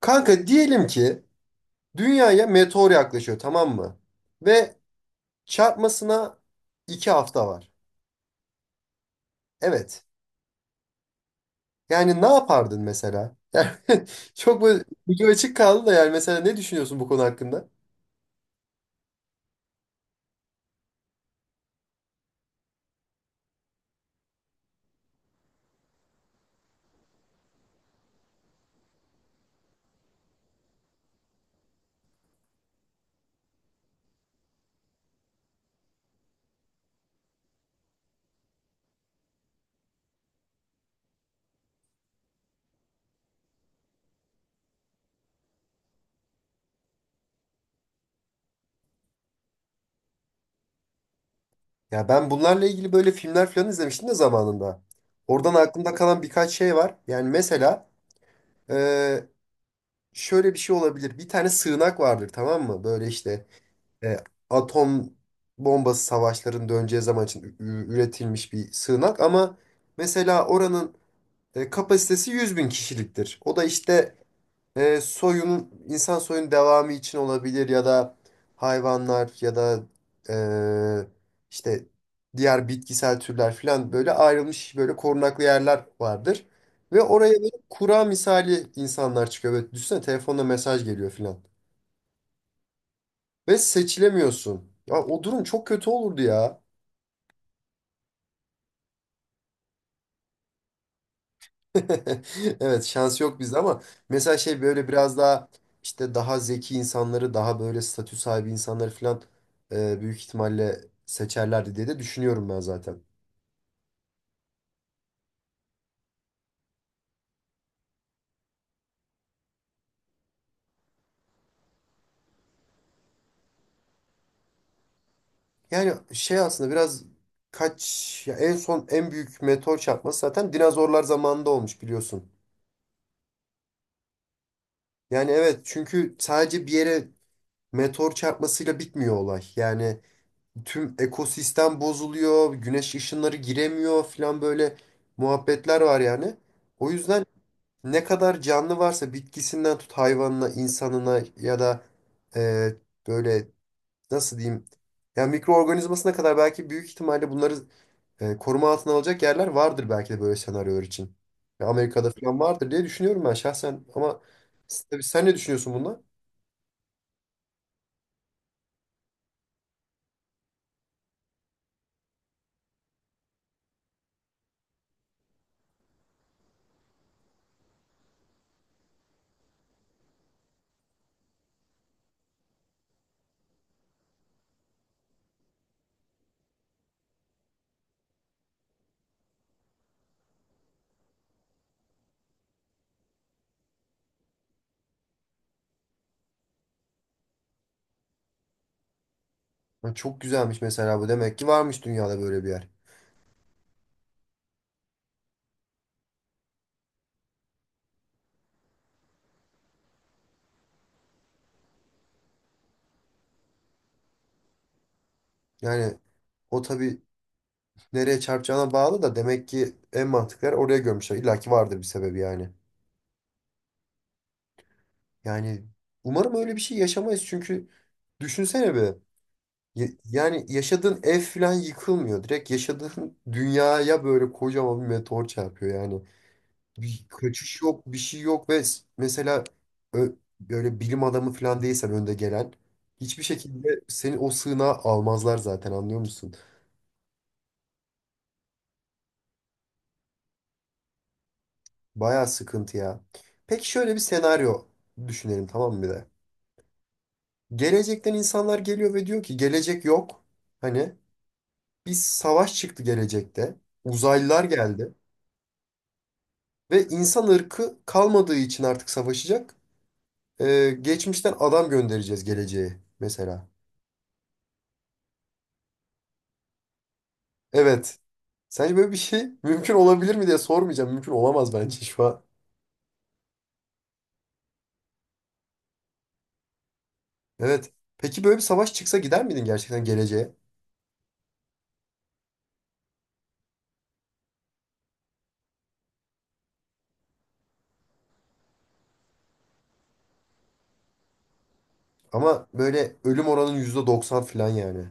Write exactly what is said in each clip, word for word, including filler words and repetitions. Kanka diyelim ki dünyaya meteor yaklaşıyor, tamam mı? Ve çarpmasına iki hafta var. Evet. Yani ne yapardın mesela? Yani çok böyle ucu açık kaldı da, yani mesela ne düşünüyorsun bu konu hakkında? Ya ben bunlarla ilgili böyle filmler falan izlemiştim de zamanında. Oradan aklımda kalan birkaç şey var. Yani mesela e, şöyle bir şey olabilir. Bir tane sığınak vardır, tamam mı? Böyle işte e, atom bombası savaşlarının döneceği zaman için ü- ü- üretilmiş bir sığınak ama mesela oranın e, kapasitesi yüz bin kişiliktir. O da işte e, soyun, insan soyunun devamı için olabilir ya da hayvanlar ya da e, işte diğer bitkisel türler falan böyle ayrılmış, böyle korunaklı yerler vardır. Ve oraya böyle kura misali insanlar çıkıyor. Böyle düşünsene, telefonla mesaj geliyor falan. Ve seçilemiyorsun. Ya, o durum çok kötü olurdu ya. Evet, şans yok bizde ama mesela şey böyle biraz daha işte daha zeki insanları, daha böyle statü sahibi insanları falan e, büyük ihtimalle seçerlerdi diye de düşünüyorum ben zaten. Yani şey aslında biraz kaç ya, en son en büyük meteor çarpması zaten dinozorlar zamanında olmuş, biliyorsun. Yani evet, çünkü sadece bir yere meteor çarpmasıyla bitmiyor olay. Yani tüm ekosistem bozuluyor, güneş ışınları giremiyor falan, böyle muhabbetler var yani. O yüzden ne kadar canlı varsa, bitkisinden tut hayvanına, insanına ya da e, böyle, nasıl diyeyim, ya mikroorganizmasına kadar, belki büyük ihtimalle bunları e, koruma altına alacak yerler vardır belki de, böyle senaryolar için. Ya Amerika'da falan vardır diye düşünüyorum ben şahsen ama s- tabii, sen ne düşünüyorsun bundan? Ha, çok güzelmiş mesela, bu demek ki varmış dünyada böyle bir yer. Yani o tabii nereye çarpacağına bağlı da, demek ki en mantıklar oraya görmüşler. İlla ki vardır bir sebebi yani. Yani umarım öyle bir şey yaşamayız çünkü düşünsene be. Ya- Yani yaşadığın ev falan yıkılmıyor. Direkt yaşadığın dünyaya böyle kocaman bir meteor çarpıyor yani. Bir kaçış yok, bir şey yok ve s- mesela ö- böyle bilim adamı falan değilsen, önde gelen, hiçbir şekilde seni o sığınağa almazlar zaten, anlıyor musun? Bayağı sıkıntı ya. Peki şöyle bir senaryo düşünelim tamam mı, bir de? Gelecekten insanlar geliyor ve diyor ki gelecek yok. Hani bir savaş çıktı gelecekte. Uzaylılar geldi. Ve insan ırkı kalmadığı için artık savaşacak. Ee, geçmişten adam göndereceğiz geleceğe mesela. Evet. Sence böyle bir şey mümkün olabilir mi diye sormayacağım. Mümkün olamaz bence şu an. Evet. Peki böyle bir savaş çıksa gider miydin gerçekten geleceğe? Ama böyle ölüm oranın yüzde doksan falan yani.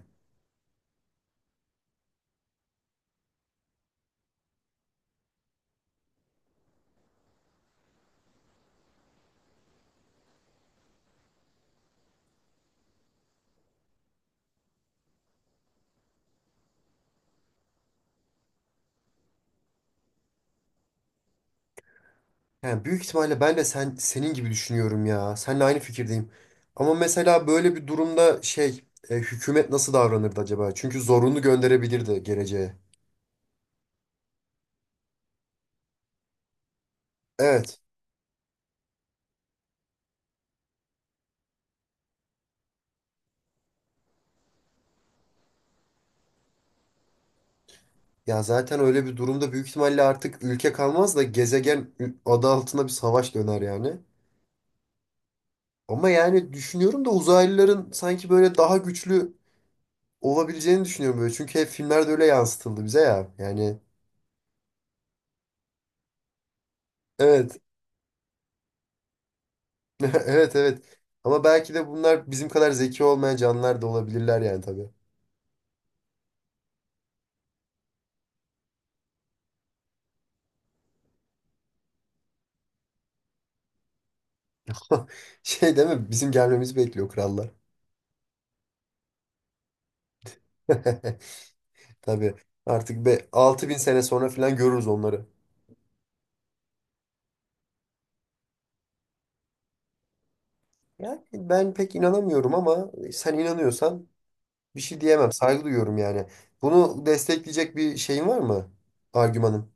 Yani büyük ihtimalle ben de sen senin gibi düşünüyorum ya. Seninle aynı fikirdeyim. Ama mesela böyle bir durumda şey e, hükümet nasıl davranırdı acaba? Çünkü zorunlu gönderebilirdi geleceğe. Evet. Ya zaten öyle bir durumda büyük ihtimalle artık ülke kalmaz da gezegen adı altında bir savaş döner yani. Ama yani düşünüyorum da uzaylıların sanki böyle daha güçlü olabileceğini düşünüyorum böyle. Çünkü hep filmlerde öyle yansıtıldı bize ya. Yani evet. Evet, evet. Ama belki de bunlar bizim kadar zeki olmayan canlılar da olabilirler yani, tabii. Şey değil mi? Bizim gelmemizi bekliyor krallar. Tabii. Artık be altı bin sene sonra falan görürüz onları. Yani ben pek inanamıyorum ama sen inanıyorsan bir şey diyemem. Saygı duyuyorum yani. Bunu destekleyecek bir şeyin var mı? Argümanın.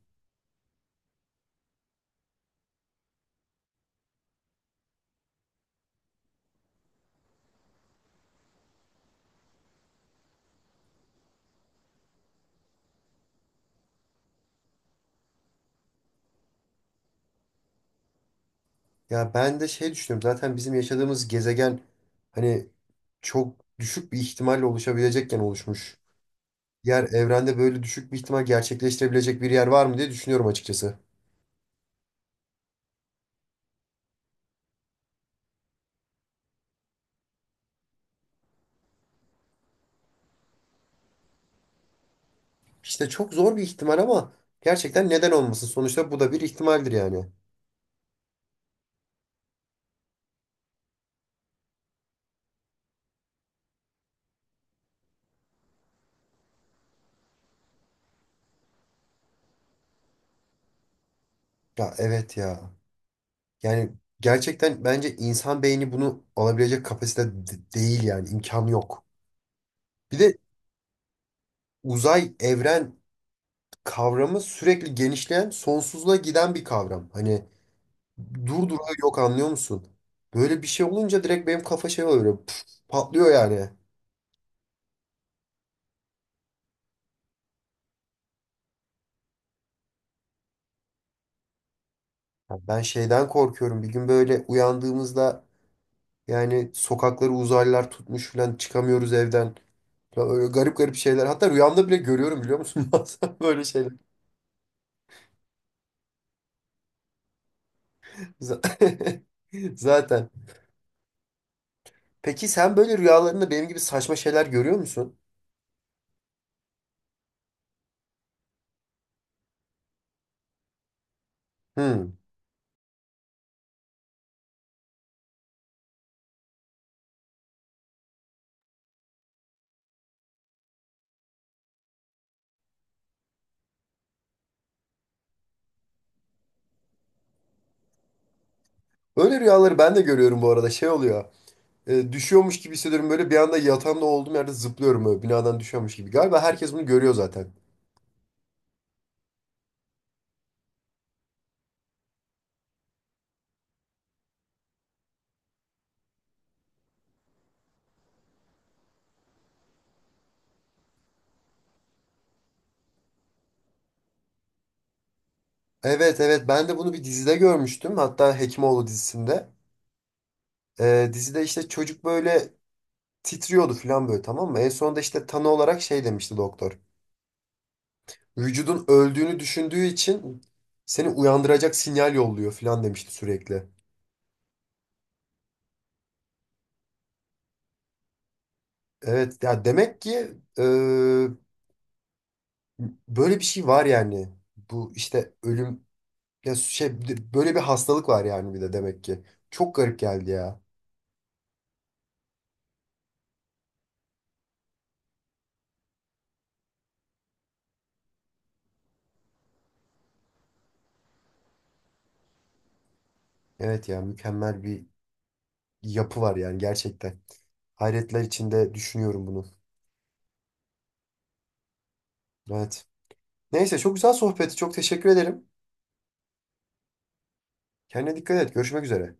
Ya ben de şey düşünüyorum. Zaten bizim yaşadığımız gezegen hani çok düşük bir ihtimalle oluşabilecekken oluşmuş. Yer evrende böyle düşük bir ihtimal gerçekleştirebilecek bir yer var mı diye düşünüyorum açıkçası. İşte çok zor bir ihtimal ama gerçekten neden olmasın? Sonuçta bu da bir ihtimaldir yani. Ya evet ya. Yani gerçekten bence insan beyni bunu alabilecek kapasite de- değil, yani imkanı yok. Bir de uzay, evren kavramı sürekli genişleyen, sonsuzluğa giden bir kavram. Hani dur durağı yok, anlıyor musun? Böyle bir şey olunca direkt benim kafa şey oluyor. Püf, patlıyor yani. Ya, ben şeyden korkuyorum. Bir gün böyle uyandığımızda, yani sokakları uzaylılar tutmuş falan, çıkamıyoruz evden. Falan öyle garip garip şeyler. Hatta rüyamda bile görüyorum, biliyor musun? Bazen böyle şeyler. Z- Zaten. Peki sen böyle rüyalarında benim gibi saçma şeyler görüyor musun? Hmm. Öyle rüyaları ben de görüyorum bu arada. Şey oluyor. E, düşüyormuş gibi hissediyorum. Böyle bir anda yatağımda olduğum yerde zıplıyorum, böyle binadan düşüyormuş gibi. Galiba herkes bunu görüyor zaten. Evet, evet, ben de bunu bir dizide görmüştüm. Hatta Hekimoğlu dizisinde. Ee, dizide işte çocuk böyle titriyordu falan, böyle tamam mı? En sonunda işte tanı olarak şey demişti doktor. Vücudun öldüğünü düşündüğü için seni uyandıracak sinyal yolluyor falan demişti sürekli. Evet ya, demek ki e, böyle bir şey var yani. Bu işte ölüm ya şey, böyle bir hastalık var yani bir de demek ki. Çok garip geldi ya. Evet ya, mükemmel bir yapı var yani gerçekten. Hayretler içinde düşünüyorum bunu. Evet. Neyse çok güzel sohbeti. Çok teşekkür ederim. Kendine dikkat et. Görüşmek üzere.